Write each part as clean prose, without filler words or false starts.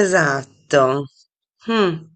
Esatto. Mh.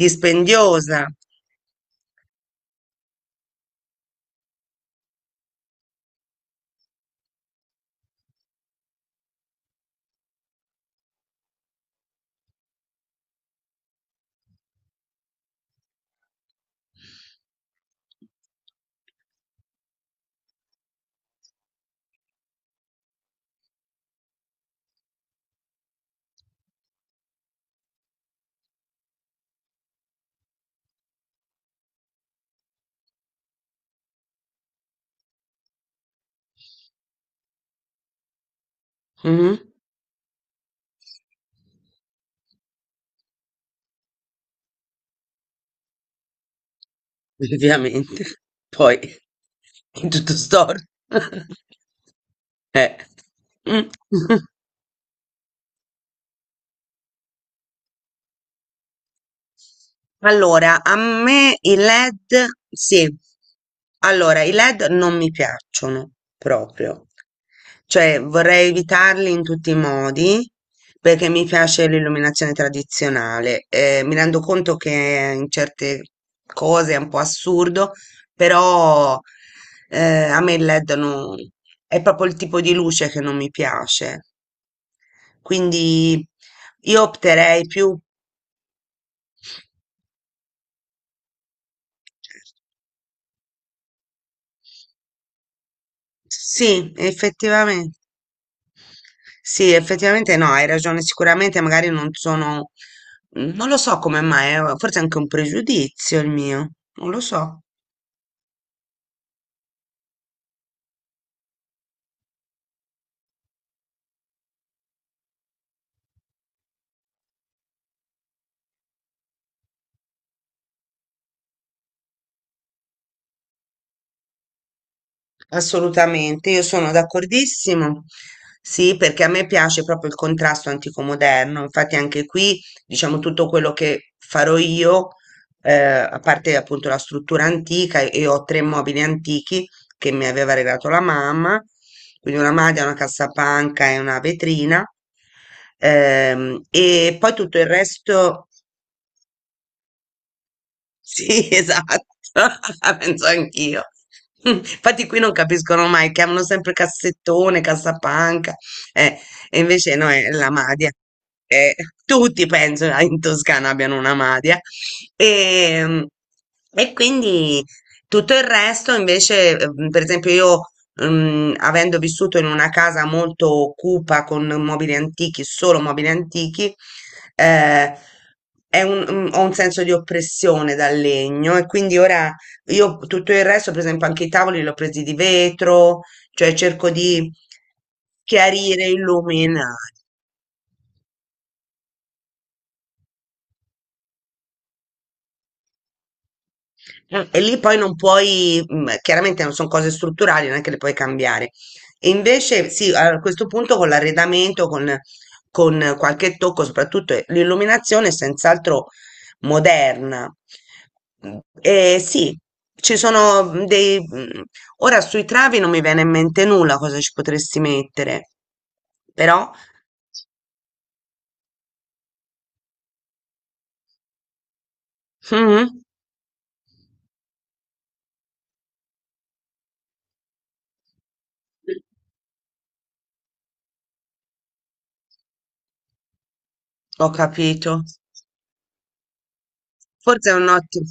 Dispendiosa. Mh-mh. Ovviamente. Poi è tutto storto. Eh. Mh. Allora, a me i LED, sì, allora i LED non mi piacciono proprio, cioè vorrei evitarli in tutti i modi perché mi piace l'illuminazione tradizionale. Mi rendo conto che in certe cose è un po' assurdo, però a me il LED non, è proprio il tipo di luce che non mi piace, quindi io opterei più, sì, effettivamente. Sì, effettivamente no, hai ragione, sicuramente magari non sono, non lo so come mai, forse è anche un pregiudizio il mio, non lo so. Assolutamente, io sono d'accordissimo. Sì, perché a me piace proprio il contrasto antico moderno. Infatti anche qui, diciamo, tutto quello che farò io, a parte appunto la struttura antica, e ho tre mobili antichi che mi aveva regalato la mamma, quindi una maglia, una cassapanca e una vetrina. E poi tutto il resto sì, esatto, la penso anch'io. Infatti qui non capiscono mai, chiamano sempre cassettone, cassapanca, eh, e invece no, è la madia. Eh, Tutti penso in Toscana abbiano una madia. E, e quindi tutto il resto invece, per esempio io, avendo vissuto in una casa molto cupa con mobili antichi, solo mobili antichi, eh, ho un senso di oppressione dal legno e quindi ora io tutto il resto, per esempio anche i tavoli li ho presi di vetro, cioè cerco di chiarire, illuminare. E lì poi non puoi, chiaramente non sono cose strutturali, non è che le puoi cambiare. E invece sì, a questo punto con l'arredamento, con qualche tocco, soprattutto l'illuminazione è senz'altro moderna. E sì, ci sono ora sui travi non mi viene in mente nulla cosa ci potresti mettere, però mhm, ho capito. Forse è un ottimo.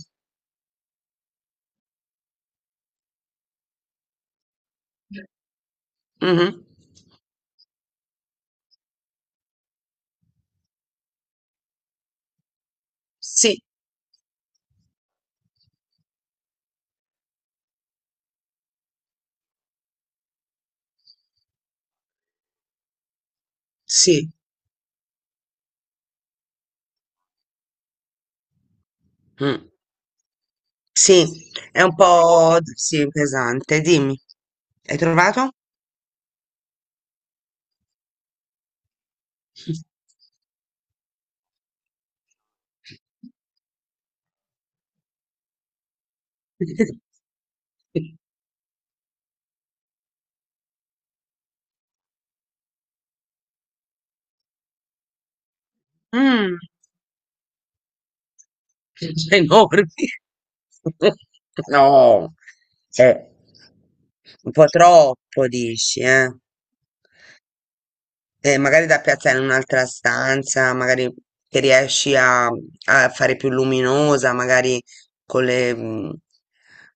Mhm, sì, sì. Mm. Sì, è un po' sì, pesante. Dimmi, hai trovato? Mm, enormi. No, è un po' troppo, dici, eh? Magari da piazzare in un'altra stanza, magari che riesci a fare più luminosa, magari con le, mm,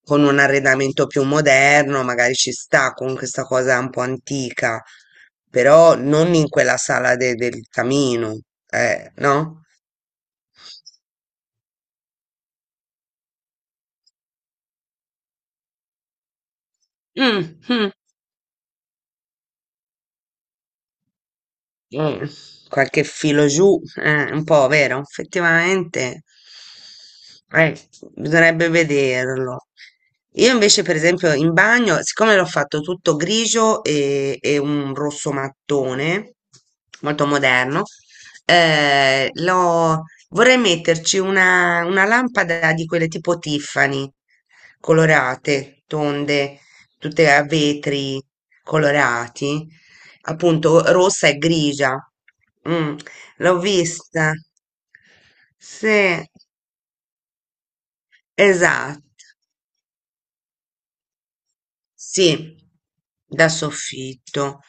con un arredamento più moderno, magari ci sta con questa cosa un po' antica, però non in quella sala del camino, no? Mm, mm. Mm, Qualche filo giù, un po', vero? Effettivamente, eh, bisognerebbe vederlo. Io invece, per esempio, in bagno, siccome l'ho fatto tutto grigio e un rosso mattone, molto moderno, eh, l'ho- vorrei metterci una lampada di quelle tipo Tiffany, colorate, tonde, tutte a vetri colorati appunto rossa e grigia. Mm, L'ho vista. Sì, esatto. Sì, da soffitto.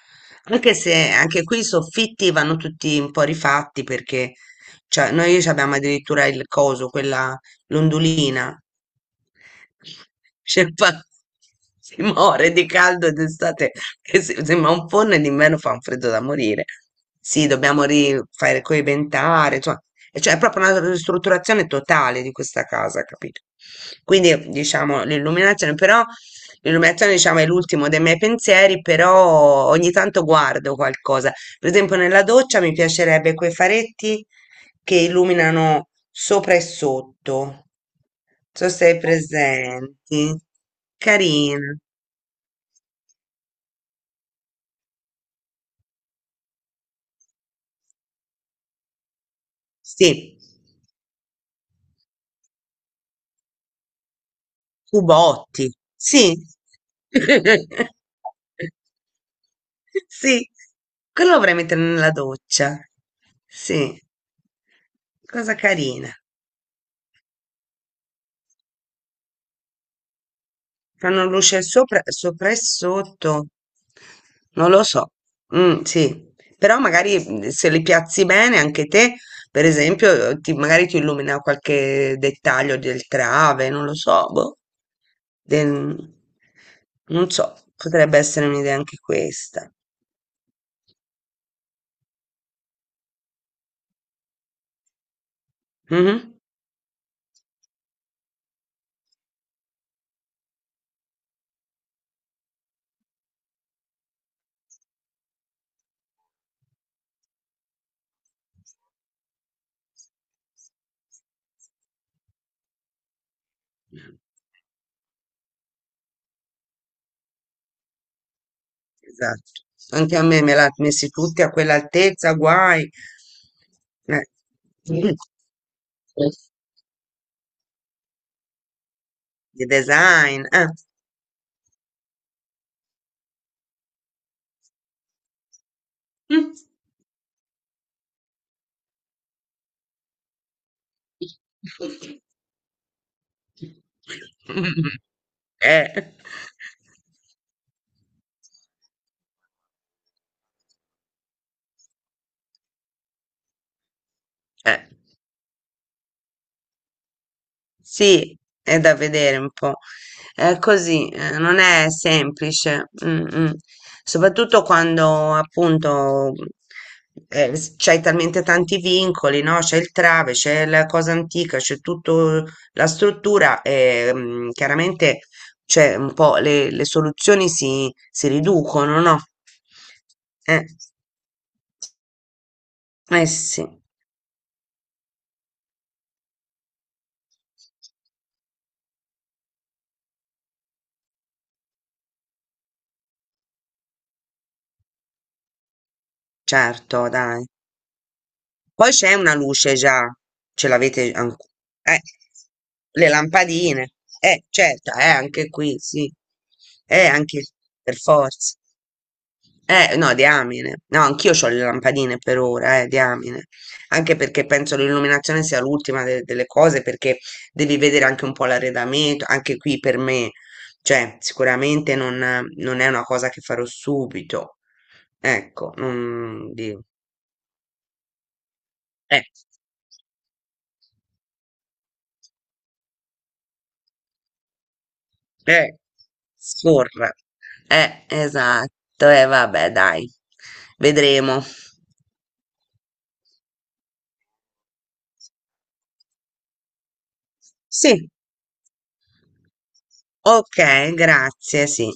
Anche se anche qui i soffitti vanno tutti un po' rifatti perché cioè, noi ci abbiamo addirittura il coso, quella l'ondulina. Cioè, si muore di caldo d'estate, che sembra un forno e d'inverno fa un freddo da morire. Sì, dobbiamo rifare coibentare, insomma, e cioè è proprio una ristrutturazione totale di questa casa, capito? Quindi diciamo l'illuminazione, però il lunettone, diciamo, è l'ultimo dei miei pensieri, però ogni tanto guardo qualcosa. Per esempio, nella doccia mi piacerebbe quei faretti che illuminano sopra e sotto. Non so se hai presenti. Carina. Sì. Cubotti. Sì. Sì. Quello lo vorrei mettere nella doccia. Sì. Cosa carina. Fanno luce sopra, sopra e sotto. Non lo so. Sì, però magari se li piazzi bene anche te, per esempio, magari ti illumina qualche dettaglio del trave, non lo so, boh. Del- Non so, potrebbe essere un'idea anche questa. Mhm. Esatto. Anche a me me l'ha messi tutti a quell'altezza, guai. Eh. Mm. Di design. Eh. Eh, eh, sì, è da vedere un po'. È così, non è semplice, mm, mm. Soprattutto quando appunto c'hai talmente tanti vincoli, no? C'è il trave, c'è la cosa antica, c'è tutta la struttura e chiaramente c'è un po' le soluzioni si riducono, no? Eh. Eh sì, certo, dai. Poi c'è una luce già, ce l'avete ancora. Eh, le lampadine. Certo, anche qui, sì. Anche per forza. No, diamine. No, anch'io ho le lampadine per ora, diamine. Anche perché penso l'illuminazione sia l'ultima delle cose, perché devi vedere anche un po' l'arredamento, anche qui per me. Cioè, sicuramente non è una cosa che farò subito. Ecco, non, Eh, eh, scorra. Esatto, e vabbè, dai, vedremo. Sì, ok, grazie, sì.